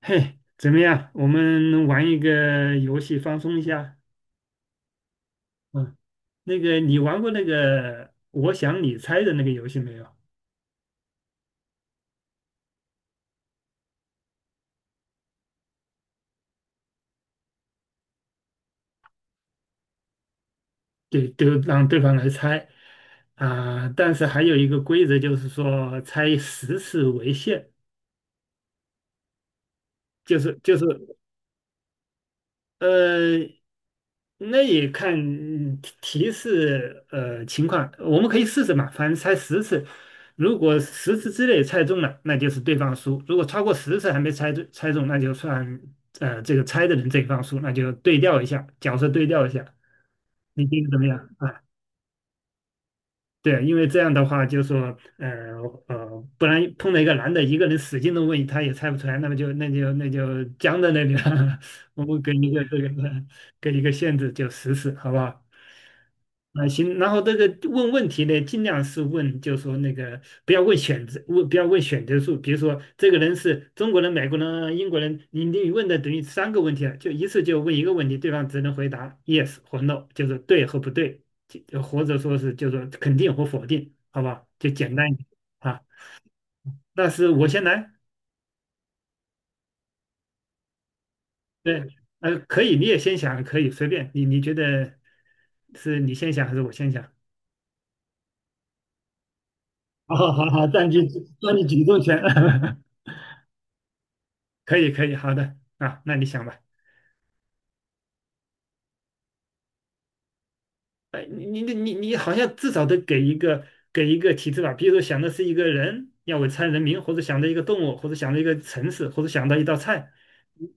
嘿，怎么样？我们玩一个游戏放松一下。嗯，那个你玩过那个"我想你猜"的那个游戏没有？对，都让对方来猜啊、但是还有一个规则，就是说猜十次为限，就是呃，那也看提示情况，我们可以试试嘛，反正猜十次，如果十次之内猜中了，那就是对方输；如果超过十次还没猜中，那就算这个猜的人这一方输，那就对调一下，角色对调一下。你觉得怎么样？啊？对，因为这样的话，就说，不然碰到一个男的，一个人使劲的问，他也猜不出来，那么就僵在那里了。我们给一个限制，就实施，好不好？啊，行。然后这个问问题呢，尽量是问，就是说那个不要问选择，不要问选择数。比如说，这个人是中国人、美国人、英国人，你问的等于三个问题了，就一次就问一个问题，对方只能回答 yes 或 no,就是对和不对。或者说是就说肯定和否定，好吧，就简单一点啊。那是我先来，对，可以，你也先想，可以随便，你觉得是你先想还是我先想？好好好好，占据主动权。可以可以，好的啊，那你想吧。哎，你好像至少得给一个提示吧，比如说想的是一个人，要为猜人名，或者想到一个动物，或者想到一个城市，或者想到一道菜。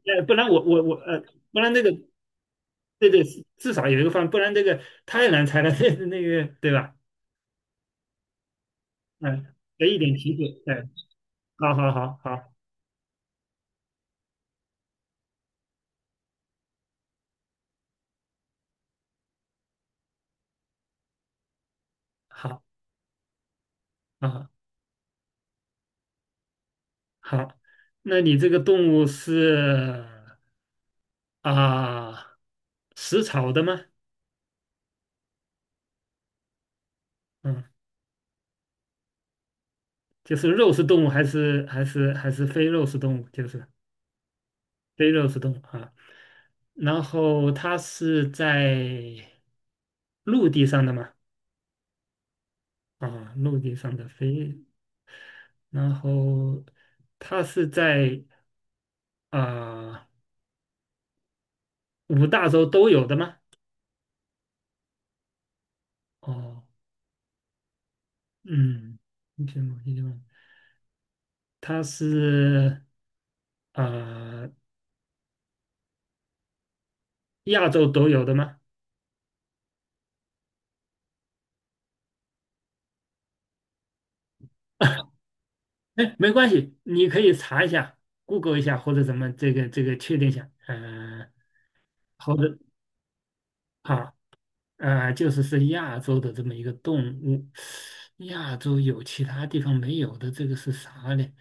不然我不然那个。对对，至少有一个方，不然这个太难猜了。这那个对吧？嗯，给一点提示，哎，好好好好好好好，好，那你这个动物是啊食草的吗？嗯，就是肉食动物还是非肉食动物？就是非肉食动物啊。然后它是在陆地上的嘛？啊，陆地上的飞，然后它是在。啊、五大洲都有的吗？哦，嗯，英它是啊、呃亚洲都有的吗？哎，没关系，你可以查一下，Google 一下或者什么这个确定一下，或者好。就是是亚洲的这么一个动物，亚洲有其他地方没有的，这个是啥呢？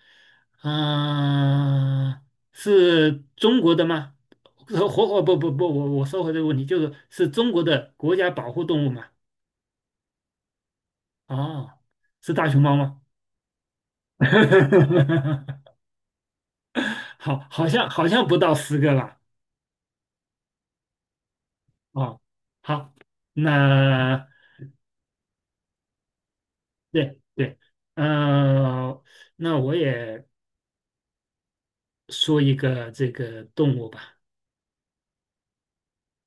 啊、是中国的吗？呃活活不不不，我收回这个问题，就是是中国的国家保护动物嘛？哦，是大熊猫吗？好，好像不到10个吧？哦，好，那对对，呃，那我也。说一个这个动物吧，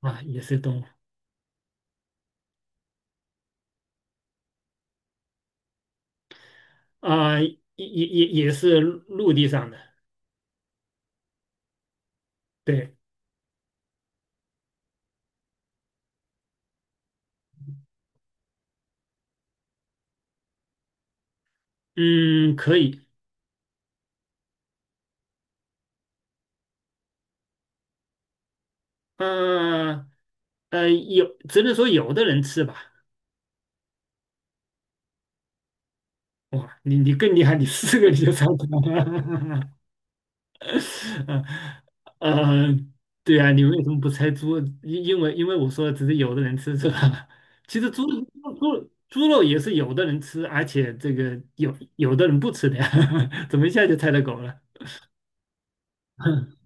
啊，也是动物啊，也是陆地上的，对，嗯，可以，嗯有只能说有的人吃吧。哇，你更厉害，你四个你就猜到了。呃，对啊，你为什么不猜猪？因为我说只是有的人吃是吧？其实猪肉也是有的人吃，而且这个有的人不吃的呀。怎么一下就猜到狗了？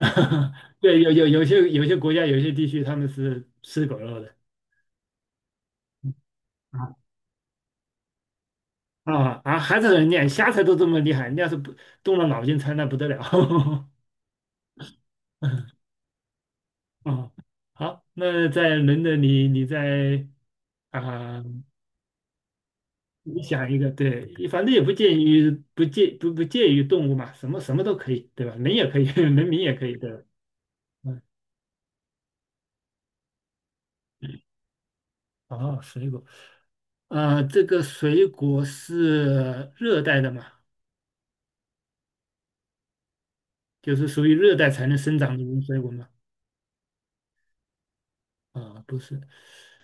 对，有些国家有些地区他们是吃狗肉的啊啊啊！还是人家瞎猜都这么厉害，你要是不动了脑筋猜那不得了。啊，好，那在轮的你，你在啊，你想一个。对，反正也不介于动物嘛，什么什么都可以，对吧？人也可以，人民也可以，对吧？嗯，哦，水果，啊，这个水果是热带的嘛，就是属于热带才能生长的一种水果嘛。啊，不是，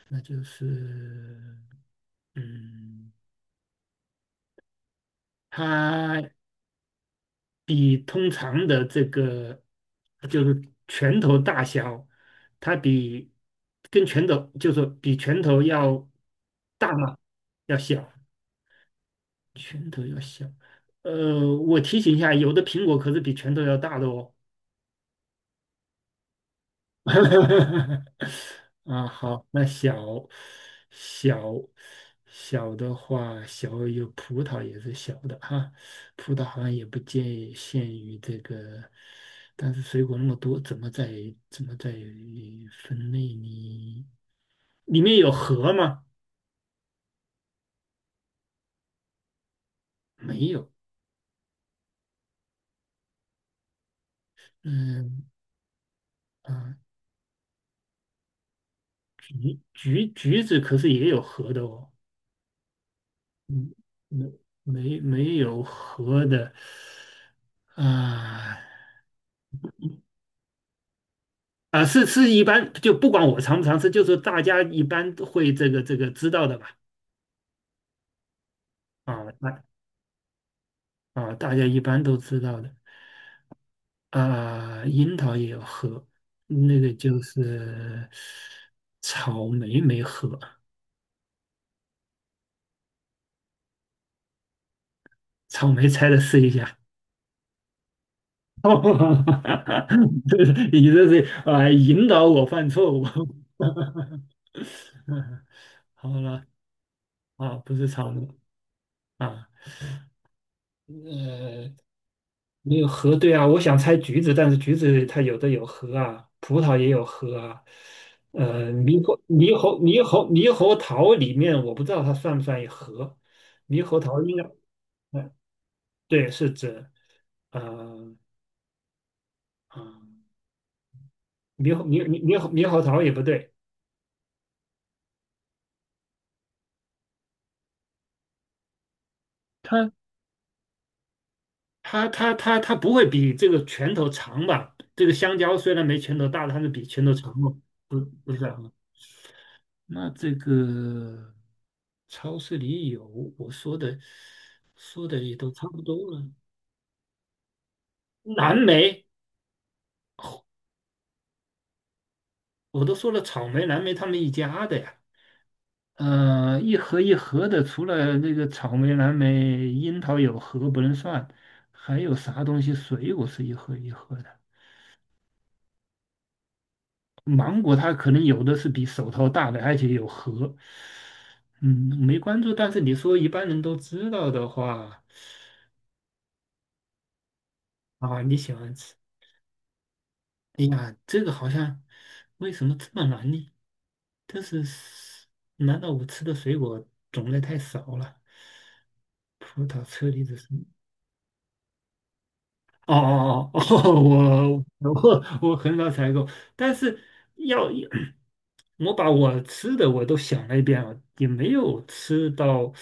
那就是，嗯，它比通常的这个就是拳头大小，它比跟拳头就是比拳头要大吗？要小，拳头要小。我提醒一下，有的苹果可是比拳头要大的哦。啊，好，那小小的话，小有葡萄也是小的哈，葡萄好像也不界限于这个，但是水果那么多，怎么在分类呢？里面有核吗？没有。嗯啊，橘子可是也有核的哦。嗯，没没有核的啊。啊，是一般就不管我尝不尝试，就是大家一般都会这个知道的吧？啊，大家一般都知道的啊。樱桃也有核，那个就是草莓没核，草莓拆了试一下。你这是引导我犯错误。好了啊，不是草莓啊，呃，没有核对啊，我想猜橘子，但是橘子它有的有核啊，葡萄也有核啊。猕猴桃里面我不知道它算不算一核。猕猴桃应该，呃对，是指，呃，嗯，猕猴猕猕猕猴猕猴桃也不对。它它不会比这个拳头长吧？这个香蕉虽然没拳头大，但是比拳头长吗？不不是啊，那这个。超市里有，我说的也都差不多了。蓝莓，我都说了，草莓、蓝莓他们一家的呀。一盒一盒的，除了那个草莓、蓝莓、樱桃有核不能算，还有啥东西？水果是一盒一盒的，芒果它可能有的是比手套大的，而且有核。嗯，没关注，但是你说一般人都知道的话，啊，你喜欢吃。哎呀，这个好像为什么这么难呢？但是是，难道我吃的水果种类太少了？葡萄、车厘子是。哦哦哦哦，我很少采购，但是要 我把我吃的我都想了一遍了，也没有吃到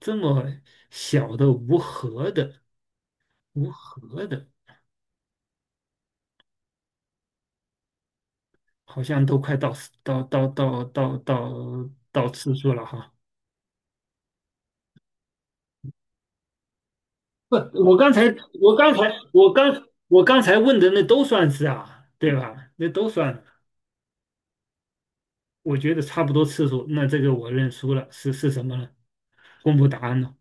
这么小的无核的，好像都快到次数了哈。不，我刚才我刚才问的那都算是啊，对吧？那都算，我觉得差不多次数。那这个我认输了，是什么呢？公布答案了。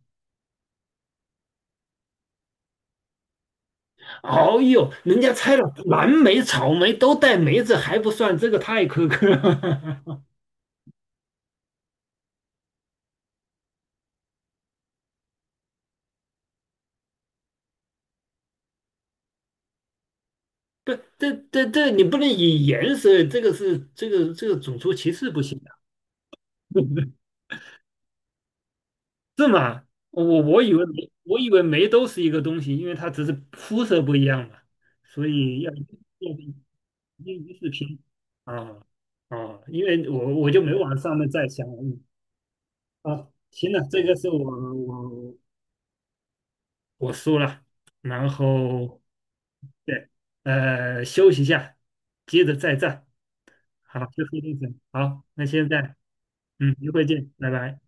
哦呦，人家猜了蓝莓、草莓都带梅子，还不算，这个太苛刻了。不，这你不能以颜色，这个是这个种族歧视不行的。是吗？我以为梅都是一个东西，因为它只是肤色不一样嘛，所以要。因就视频，啊啊，因为我就没往上面再想了。行了，这个是我我输了，然后对，休息一下，接着再战。好，休息一阵。好，那现在一会见，拜拜。